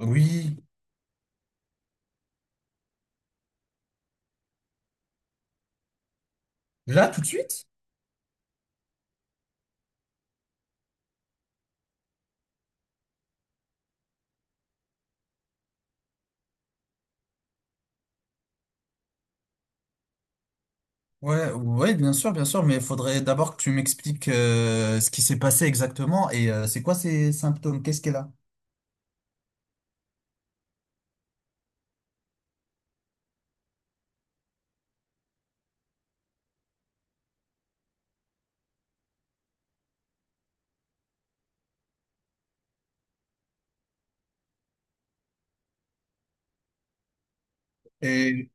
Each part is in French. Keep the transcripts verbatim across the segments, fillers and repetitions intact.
Oui. Là, tout de suite? Ouais, ouais, bien sûr, bien sûr, mais il faudrait d'abord que tu m'expliques euh, ce qui s'est passé exactement et euh, c'est quoi ces symptômes, qu'est-ce qu'elle a? Et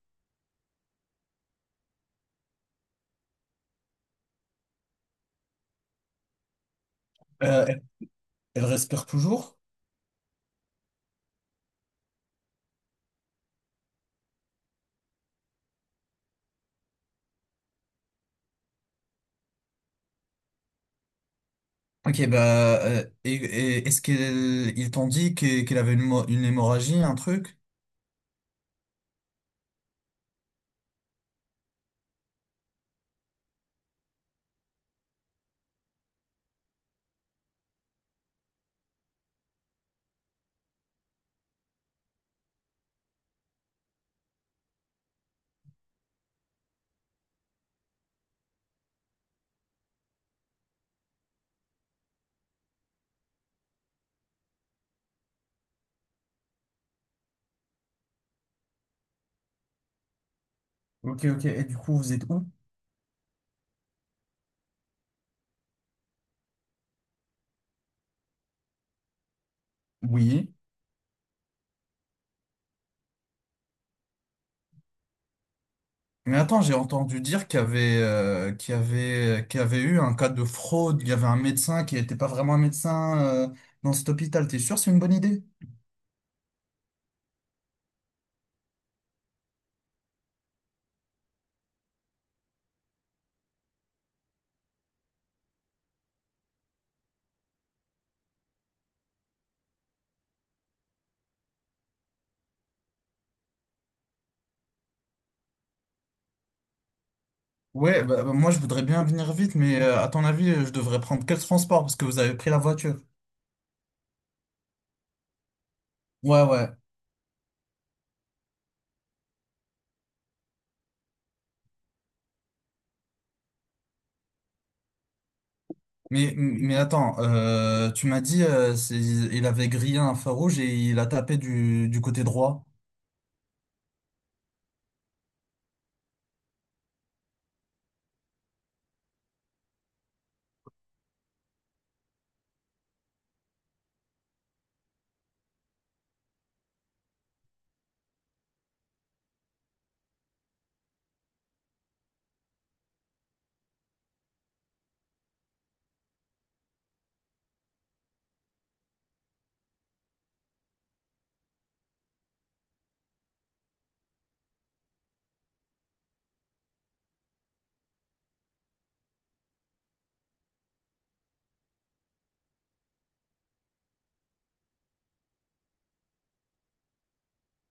euh, elle elle respire toujours? Ok, bah, euh, et, et est-ce qu'ils ils t'ont dit que- qu'elle avait une, mo- une hémorragie, un truc? Ok, ok. Et du coup, vous êtes où? Oui. Mais attends, j'ai entendu dire qu'il y avait, euh, qu'il y avait, qu'il y avait eu un cas de fraude, il y avait un médecin qui n'était pas vraiment un médecin euh, dans cet hôpital. T'es sûr que c'est une bonne idée? Ouais, bah, bah, moi je voudrais bien venir vite, mais euh, à ton avis, euh, je devrais prendre quel transport parce que vous avez pris la voiture? Ouais, ouais. Mais, mais attends, euh, tu m'as dit euh, c'est, il avait grillé un feu rouge et il a tapé du, du côté droit.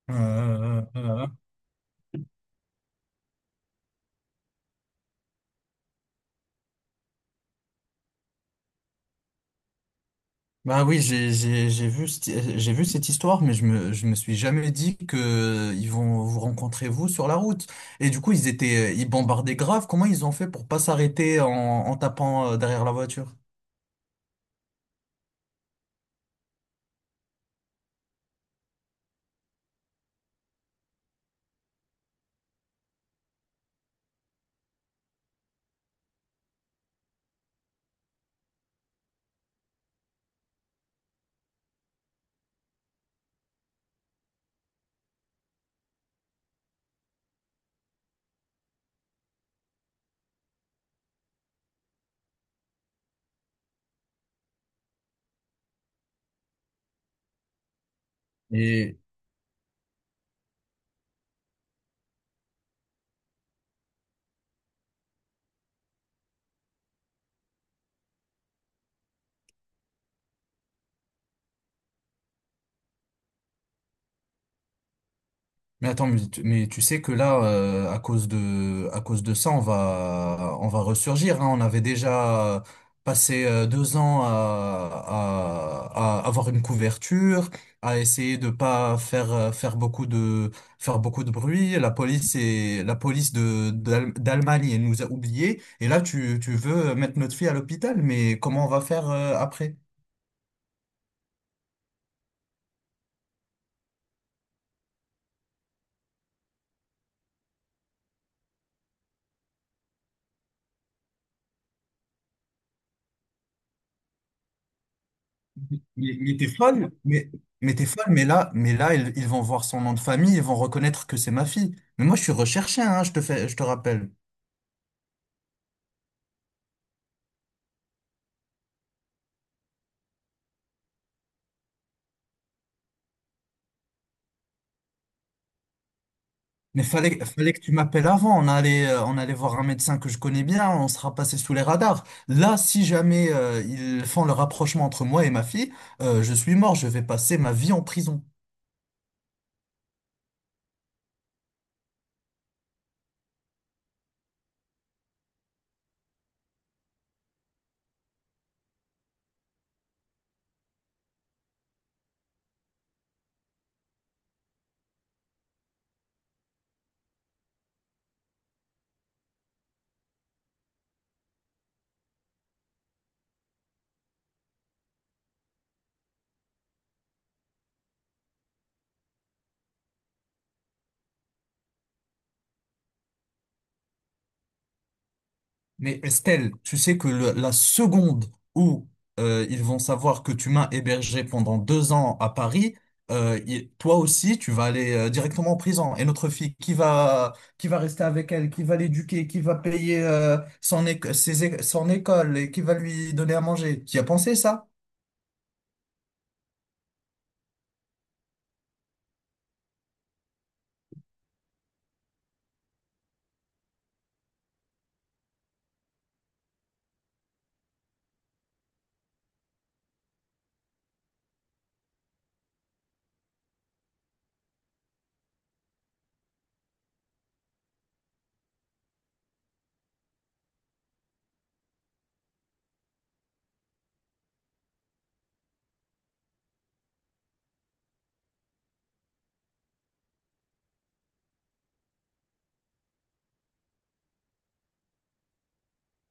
Euh, euh, bah oui, j'ai, j'ai, j'ai vu, cette- j'ai vu cette histoire, mais je me, je me suis jamais dit que euh, ils vont vous rencontrer vous sur la route. Et du coup, ils étaient, ils bombardaient grave. Comment ils ont fait pour pas s'arrêter en, en tapant euh, derrière la voiture? Mais attends, mais tu, mais tu sais que là, euh, à cause de, à cause de ça, on va, on va ressurgir, hein. On avait déjà passé euh, deux ans à, à, à avoir une couverture, à essayer de pas faire, euh, faire beaucoup de, faire beaucoup de bruit. La police et la police de, d'Al- d'Allemagne, elle nous a oubliés. Et là, tu, tu veux mettre notre fille à l'hôpital, mais comment on va faire, euh, après? Mais, mais t'es folle, mais, mais t'es folle, mais là, mais là, ils, ils vont voir son nom de famille, ils vont reconnaître que c'est ma fille. Mais moi, je suis recherché, hein, je te fais, je te rappelle. Mais fallait, fallait que tu m'appelles avant. On allait, euh, on allait voir un médecin que je connais bien, on sera passé sous les radars. Là, si jamais, euh, ils font le rapprochement entre moi et ma fille, euh, je suis mort, je vais passer ma vie en prison. Mais Estelle, tu sais que le- la seconde où euh, ils vont savoir que tu m'as hébergé pendant deux ans à Paris, euh, il- toi aussi, tu vas aller euh, directement en prison. Et notre fille, qui va, qui va rester avec elle, qui va l'éduquer, qui va payer euh, son, éco- ses é- son école et qui va lui donner à manger. Tu y as pensé ça?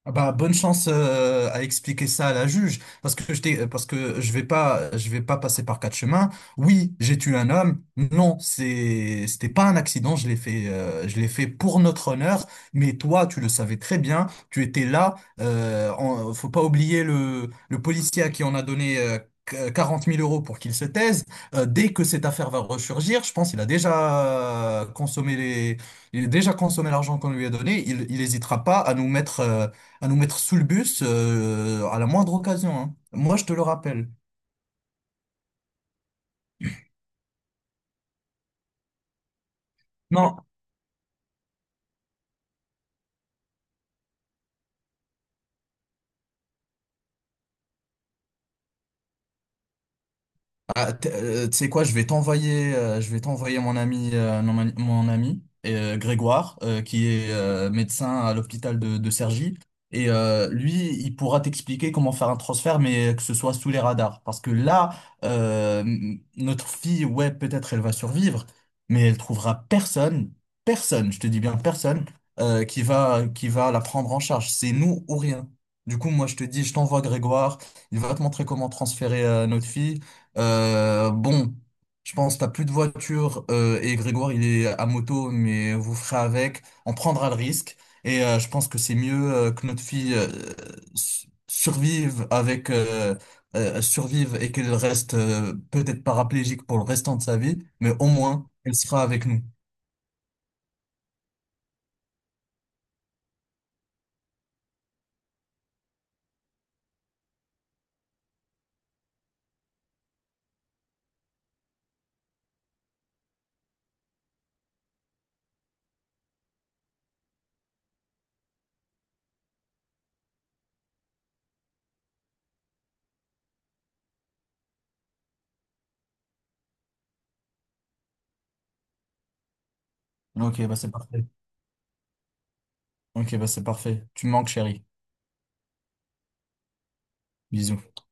Ah Bah, bonne chance euh, à expliquer ça à la juge parce que je t'ai- euh, parce que je vais pas je vais pas passer par quatre chemins. Oui, j'ai tué un homme. Non, c'est c'était pas un accident, je l'ai fait euh, je l'ai fait pour notre honneur, mais toi tu le savais très bien, tu étais là euh, en- faut pas oublier le le policier à qui on a donné euh, qu- quarante mille euros pour qu'il se taise. Euh, dès que cette affaire va ressurgir, je pense qu'il a déjà euh, consommé les il a déjà consommé l'argent qu'on lui a donné, il il hésitera pas à nous mettre euh, à nous mettre sous le bus euh, à la moindre occasion. hein. Moi, je te le rappelle. Non, Ah, t- euh, tu sais quoi, je vais t'envoyer, euh, je vais t'envoyer mon ami, euh, non, ma- mon ami euh, Grégoire, euh, qui est euh, médecin à l'hôpital de, de Cergy, et euh, lui, il pourra t'expliquer comment faire un transfert, mais que ce soit sous les radars, parce que là, euh, m- notre fille, ouais, peut-être elle va survivre, mais elle trouvera personne, personne, je te dis bien personne, euh, qui va, qui va la prendre en charge. C'est nous ou rien. Du coup, moi, je te dis, je t'envoie Grégoire. Il va te montrer comment transférer euh, notre fille. Euh, bon, je pense que t'as plus de voiture euh, et Grégoire il est à moto, mais vous ferez avec. On prendra le risque et euh, je pense que c'est mieux euh, que notre fille euh, s- survive avec euh, euh, survive et qu'elle reste euh, peut-être paraplégique pour le restant de sa vie, mais au moins elle sera avec nous. Ok, bah c'est parfait. Ok, bah c'est parfait. Tu me manques, chérie. Bisous.